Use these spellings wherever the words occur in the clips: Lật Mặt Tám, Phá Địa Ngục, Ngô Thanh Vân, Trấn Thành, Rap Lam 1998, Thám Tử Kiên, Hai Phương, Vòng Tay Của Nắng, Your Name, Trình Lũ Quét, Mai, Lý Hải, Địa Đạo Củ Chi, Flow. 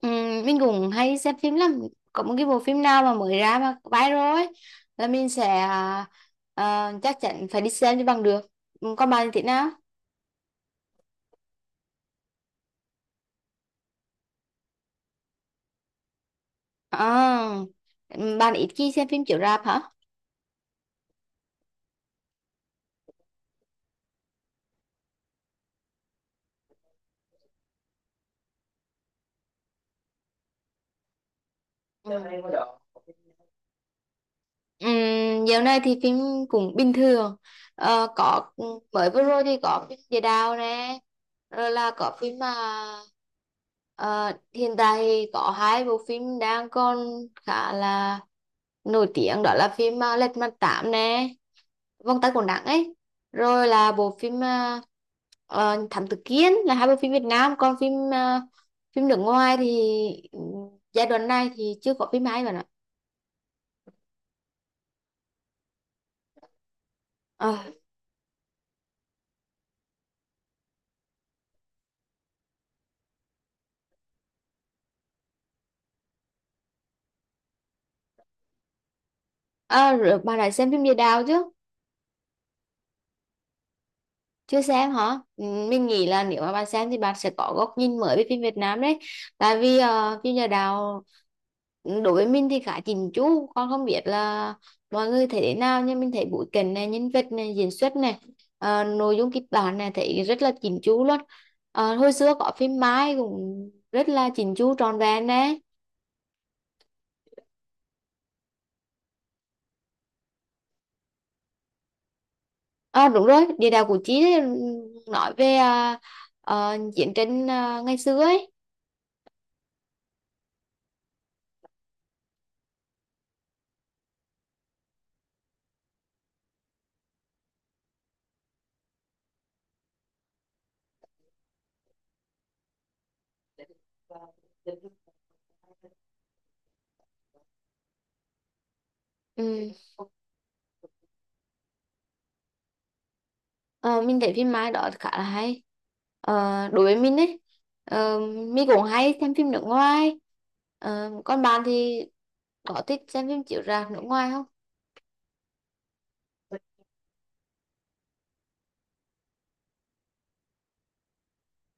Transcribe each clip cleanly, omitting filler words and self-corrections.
Ừ, mình cũng hay xem phim lắm. Có một cái bộ phim nào mà mới ra mà viral ấy là mình sẽ chắc chắn phải đi xem cho bằng được. Ừ, còn bạn thì thế nào? À, bạn ít khi xem phim chiếu rạp hả? Ừ. Dạo này thì phim cũng bình thường. Ờ, có, mới vừa rồi thì có phim Địa Đạo nè, rồi là có phim mà ờ, hiện tại thì có hai bộ phim đang còn khá là nổi tiếng, đó là phim Lật Mặt Tám nè, Vòng Tay Của Nắng ấy, rồi là bộ phim Thám Tử Kiên, là hai bộ phim Việt Nam. Còn phim ờ, phim nước ngoài thì giai đoạn này thì chưa có phim hay bạn ạ. Ờ, à, rồi bà đã xem phim Địa Đạo chứ? Chưa xem hả? Ừ, mình nghĩ là nếu mà bà xem thì bà sẽ có góc nhìn mới về phim Việt Nam đấy. Tại vì ờ, phim Địa Đạo đối với mình thì khá chỉnh chu. Con không biết là mọi người thấy thế nào, nhưng mình thấy bối cảnh này, nhân vật này, diễn xuất này, ờ, nội dung kịch bản này thấy rất là chỉnh chu luôn. Ờ, hồi xưa có phim Mai cũng rất là chỉnh chu trọn vẹn đấy. À, đúng rồi, Địa Đạo Củ Chi đấy, ừ, nói về ờ, ờ, chiến tranh ờ, ngày xưa ấy. Ừ. Ờ, mình thấy phim Mai đó khá là hay. Ờ, đối với mình ấy, ờ, mình cũng hay xem phim nước ngoài. Ờ, còn bạn thì có thích xem phim chiếu rạp nước ngoài không?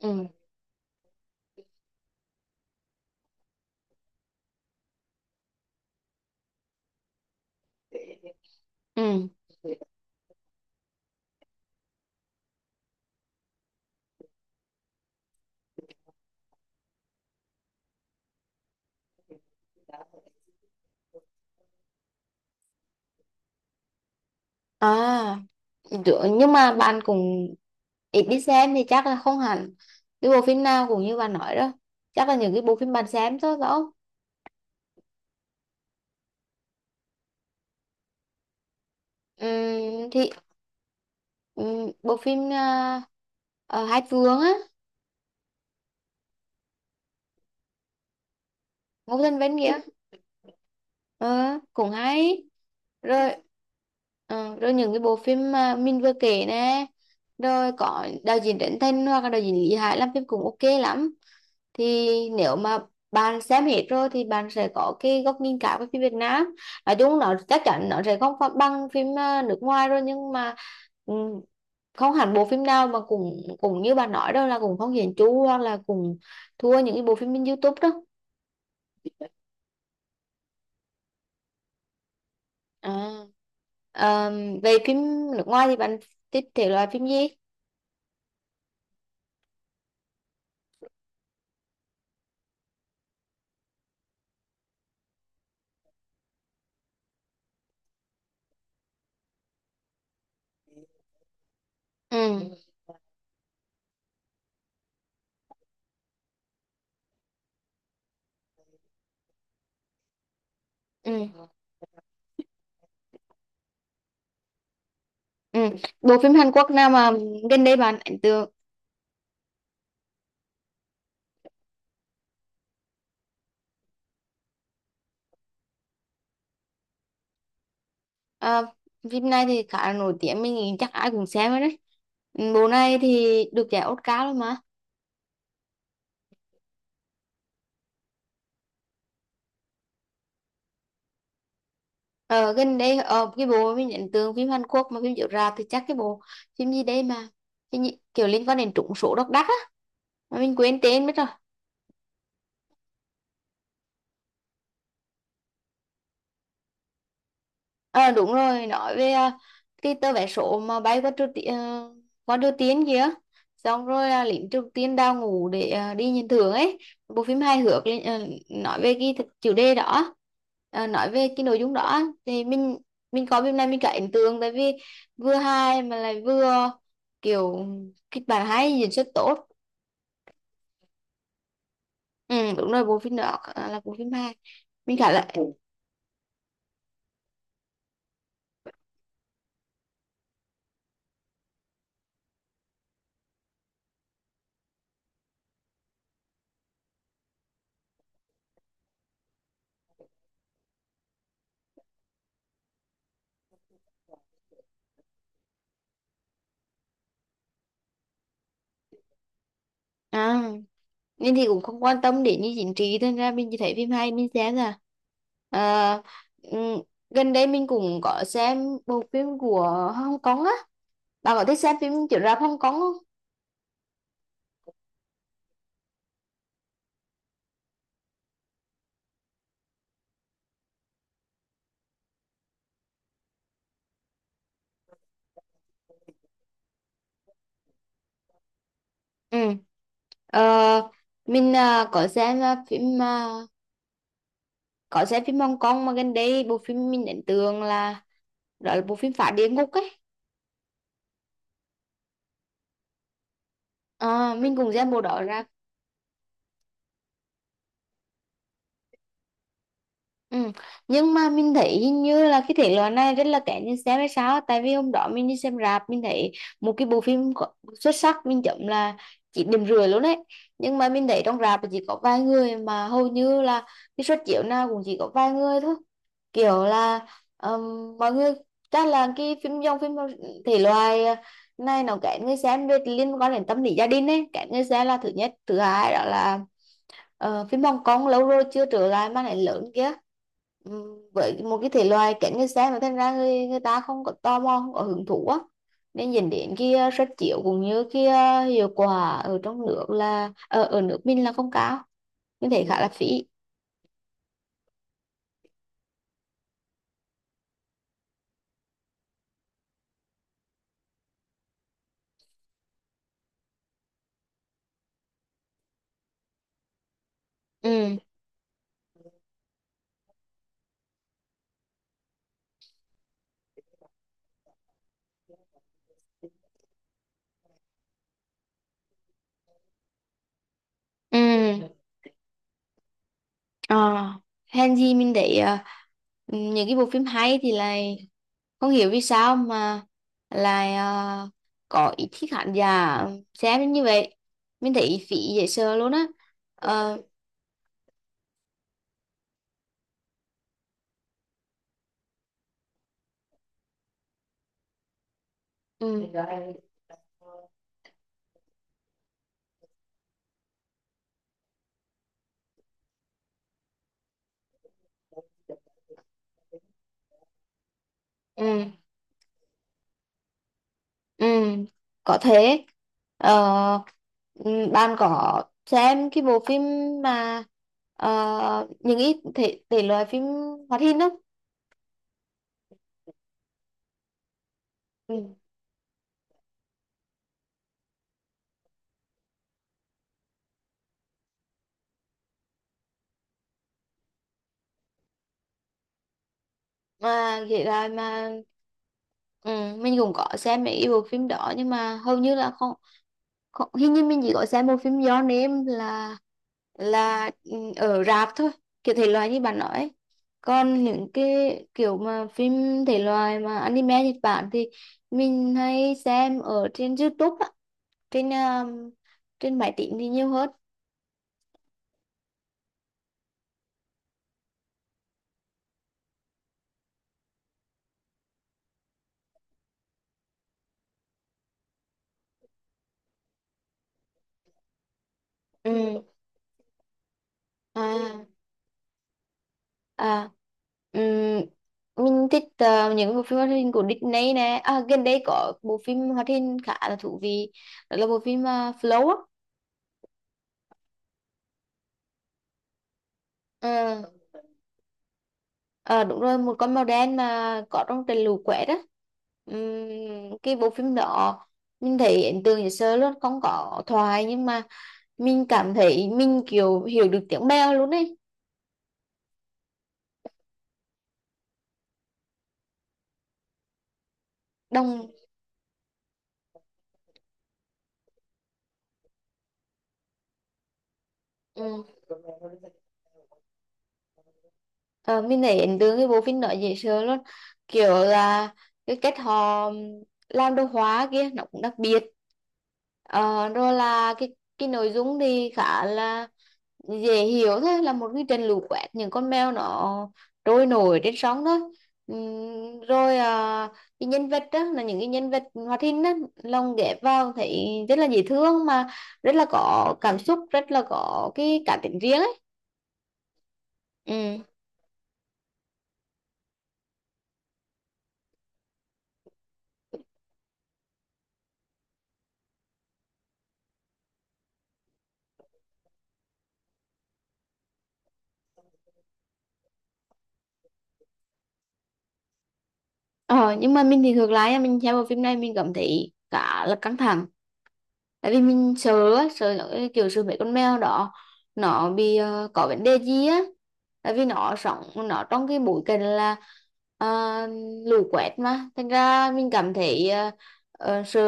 Ừ. Ừ. À, nhưng mà bạn cũng ít đi xem thì chắc là không hẳn cái bộ phim nào cũng như bạn nói đó, chắc là những cái bộ phim bạn xem thôi phải không? Thì bộ phim Hai Phương á, Ngô Thanh Vân kìa. Ờ, cũng hay. Rồi, ờ, rồi những cái bộ phim mà mình vừa kể nè, rồi có đạo diễn Trấn Thành hoặc là đạo diễn Lý Hải làm phim cũng ok lắm. Thì nếu mà bạn xem hết rồi thì bạn sẽ có cái góc nhìn cả với phim Việt Nam. Nói chung nó chắc chắn nó sẽ không phải bằng phim ờ, nước ngoài rồi, nhưng mà ừ, không hẳn bộ phim nào mà cũng cũng như bạn nói đâu là cũng không hiển chu hoặc là cũng thua những cái bộ phim trên YouTube đó. À. Ờ, về phim nước ngoài thì bạn thích thể loại phim gì? Ừ, ừ, ừ. Bộ phim Hàn Quốc nào mà gần đây bạn ấn tượng? Ờ, phim này thì khá là nổi tiếng, mình nghĩ chắc ai cũng xem rồi đấy. Ừ, bộ này thì được giải Oscar luôn mà. Ờ, gần đây ờ, cái bộ mình ấn tượng phim Hàn Quốc mà phim chiếu rạp thì chắc cái bộ phim gì đây mà, cái gì, kiểu liên quan đến trúng số độc đắc á, mà mình quên tên mất rồi. À, đúng rồi, nói về à, cái tờ vé số mà bay qua Triều Tiên kìa. Xong rồi à, lính Triều Tiên đào ngũ để à, đi nhận thưởng ấy. Bộ phim hài hước ờ, nói về cái chủ đề đó, ờ, nói về cái nội dung đó thì mình coi phim này mình cả ấn tượng tại vì vừa hài mà lại vừa kiểu kịch bản hay diễn xuất tốt. Ừ, đúng rồi, bộ phim đó là bộ phim hài. Mình khá là à, nên thì cũng không quan tâm đến như chính trị nên ra mình chỉ thấy phim hay mình xem là à, ừm, gần đây mình cũng có xem bộ phim của Hong Kong á. Bạn có thích xem phim chiếu rạp Hong Kong không? Ừ. Ờ, mình à, có xem à, phim à, có xem phim Hong Kong mà gần đây bộ phim mình ấn tượng là, đó là bộ phim Phá Địa Ngục ấy. Ờ, mình cũng xem bộ đó ra. Ừ. Nhưng mà mình thấy hình như là cái thể loại này rất là kén nhìn xem hay sao, tại vì hôm đó mình đi xem rạp mình thấy một cái bộ phim xuất sắc mình chấm là chỉ điểm rưỡi luôn đấy, nhưng mà mình thấy trong rạp là chỉ có vài người, mà hầu như là cái suất chiếu nào cũng chỉ có vài người thôi. Kiểu là mọi người chắc là cái phim dòng phim thể loại này nó kén người xem, về liên quan đến tâm lý gia đình ấy, kén người xem là thứ nhất, thứ hai đó là ờ, phim Hồng Kông lâu rồi chưa trở lại mà lại lớn kia. Với một cái thể loại kén người xem mà thành ra người ta không có tò mò không có hứng thú á, nên dẫn đến cái suất chiếu cũng như cái hiệu quả ở trong nước là ở ở nước mình là không cao, mình thấy khá là phí. Ừ, ừ, ờ, hèn gì mình thấy ờ, những cái bộ phim hay thì lại không hiểu vì sao mà lại à, có ít khi khán giả xem đến như vậy, mình thấy phí dễ sợ luôn á. Ờ, ừ, ừ, ừ, có thế. Ờ, ừ, bạn có xem cái bộ phim mà ờ, những ít thể loại phim hoạt hình không? Ừ. Mà vậy là mà ừ, mình cũng có xem mấy cái bộ phim đó nhưng mà hầu như là không. Còn, hình như mình chỉ có xem một phim Your Name là ừ, ở rạp thôi, kiểu thể loại như bạn nói ấy. Còn những cái kiểu mà phim thể loại mà anime Nhật Bản thì mình hay xem ở trên YouTube á, trên trên máy tính thì nhiều hơn. Ừ. À, à, ừm, mình thích ờ, những bộ phim hoạt hình của Disney nè. À, gần đây có bộ phim hoạt hình khá là thú vị, đó là bộ phim ờ, Flow á. Ừ. Ờ đúng rồi, một con màu đen mà có trong Trình Lũ Quét đó. Cái bộ phim đó mình thấy ấn tượng dễ sợ luôn, không có thoại nhưng mà mình cảm thấy mình kiểu hiểu được tiếng Mèo luôn ấy. Đồng. Ờ, mình thấy ấn tượng cái bộ phim đó dễ sợ luôn, kiểu là cái cách họ làm đồ họa kia nó cũng đặc biệt. Ờ, rồi là cái nội dung thì khá là dễ hiểu thôi, là một cái trận lũ quét, những con mèo nó trôi nổi trên sóng thôi. Rồi à, cái nhân vật đó, là những cái nhân vật hoạt hình đó lồng ghép vào thấy rất là dễ thương, mà rất là có cảm xúc, rất là có cái cá tính riêng ấy. Ừ. Ờ, nhưng mà mình thì ngược lại nha, mình xem bộ phim này mình cảm thấy cả là căng thẳng, tại vì mình sợ á, sợ nó cái kiểu sợ mấy con mèo đó nó bị ờ, có vấn đề gì á, tại vì nó sống nó trong cái bối cảnh là ờ, lũ quét, mà thành ra mình cảm thấy ờ, ờ, sợ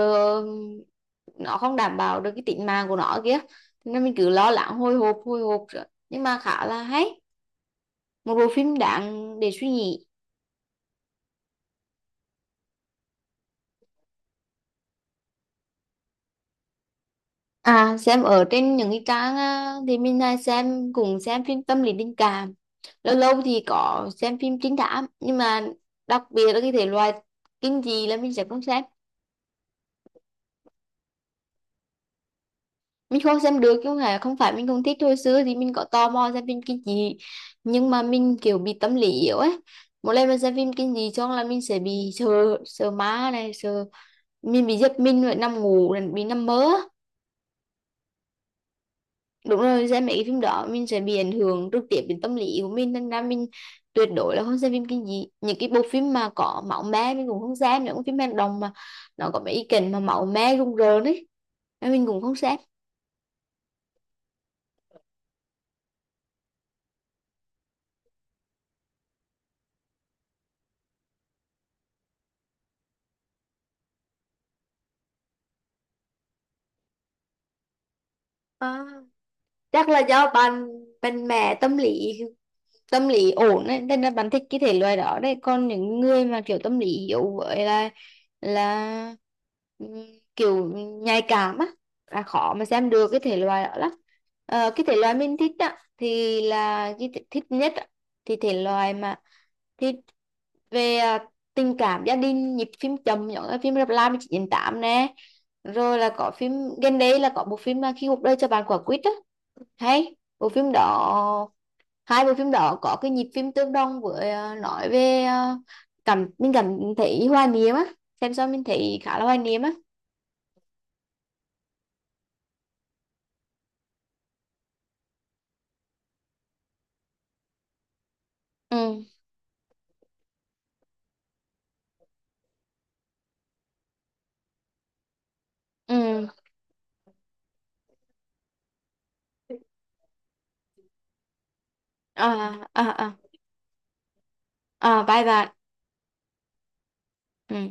nó không đảm bảo được cái tính mạng của nó kia. Thế nên mình cứ lo lắng, hồi hộp rồi, nhưng mà khá là hay, một bộ phim đáng để suy nghĩ. À, xem ở trên những cái trang á, thì mình hay xem cùng xem phim tâm lý tình cảm, lâu lâu thì có xem phim trinh thám, nhưng mà đặc biệt là cái thể loại kinh dị là mình sẽ không xem. Mình không xem được chứ không phải mình không thích. Hồi xưa thì mình có tò mò xem phim kinh dị, nhưng mà mình kiểu bị tâm lý yếu ấy, một lần mà xem phim kinh dị xong là mình sẽ bị sợ, sợ ma này, sợ, mình bị giật mình rồi nằm ngủ rồi bị nằm mơ. Đúng rồi, xem mấy cái phim đó mình sẽ bị ảnh hưởng trực tiếp đến tâm lý của mình, nên ra mình tuyệt đối là không xem phim cái gì, những cái bộ phim mà có máu me mình cũng không xem, những phim hành động mà nó có mấy ý cảnh mà máu me rùng rợn ấy, nên mình cũng không xem. À, chắc là do bạn mạnh mẹ tâm lý, tâm lý ổn ấy, nên là bạn thích cái thể loại đó đấy, còn những người mà kiểu tâm lý yếu với là ừm, kiểu nhạy cảm á, là khó mà xem được cái thể loại đó lắm. Ờ, cái thể loại mình thích á thì là cái thích nhất á, thì thể loại mà thích về à, tình cảm gia đình nhịp phim chậm, giống như phim Rap Lam 1998 nè, rồi là có phim gần đây là có bộ phim mà khi cuộc đời cho bạn quả quýt á, hay bộ phim đó, hai bộ phim đó có cái nhịp phim tương đồng với ờ, nói về ờ, cảm mình cảm thấy hoài niệm á, xem xong mình thấy khá là hoài niệm á. Ừ, ừ, à, à, à, à, bye bạn. Ừ.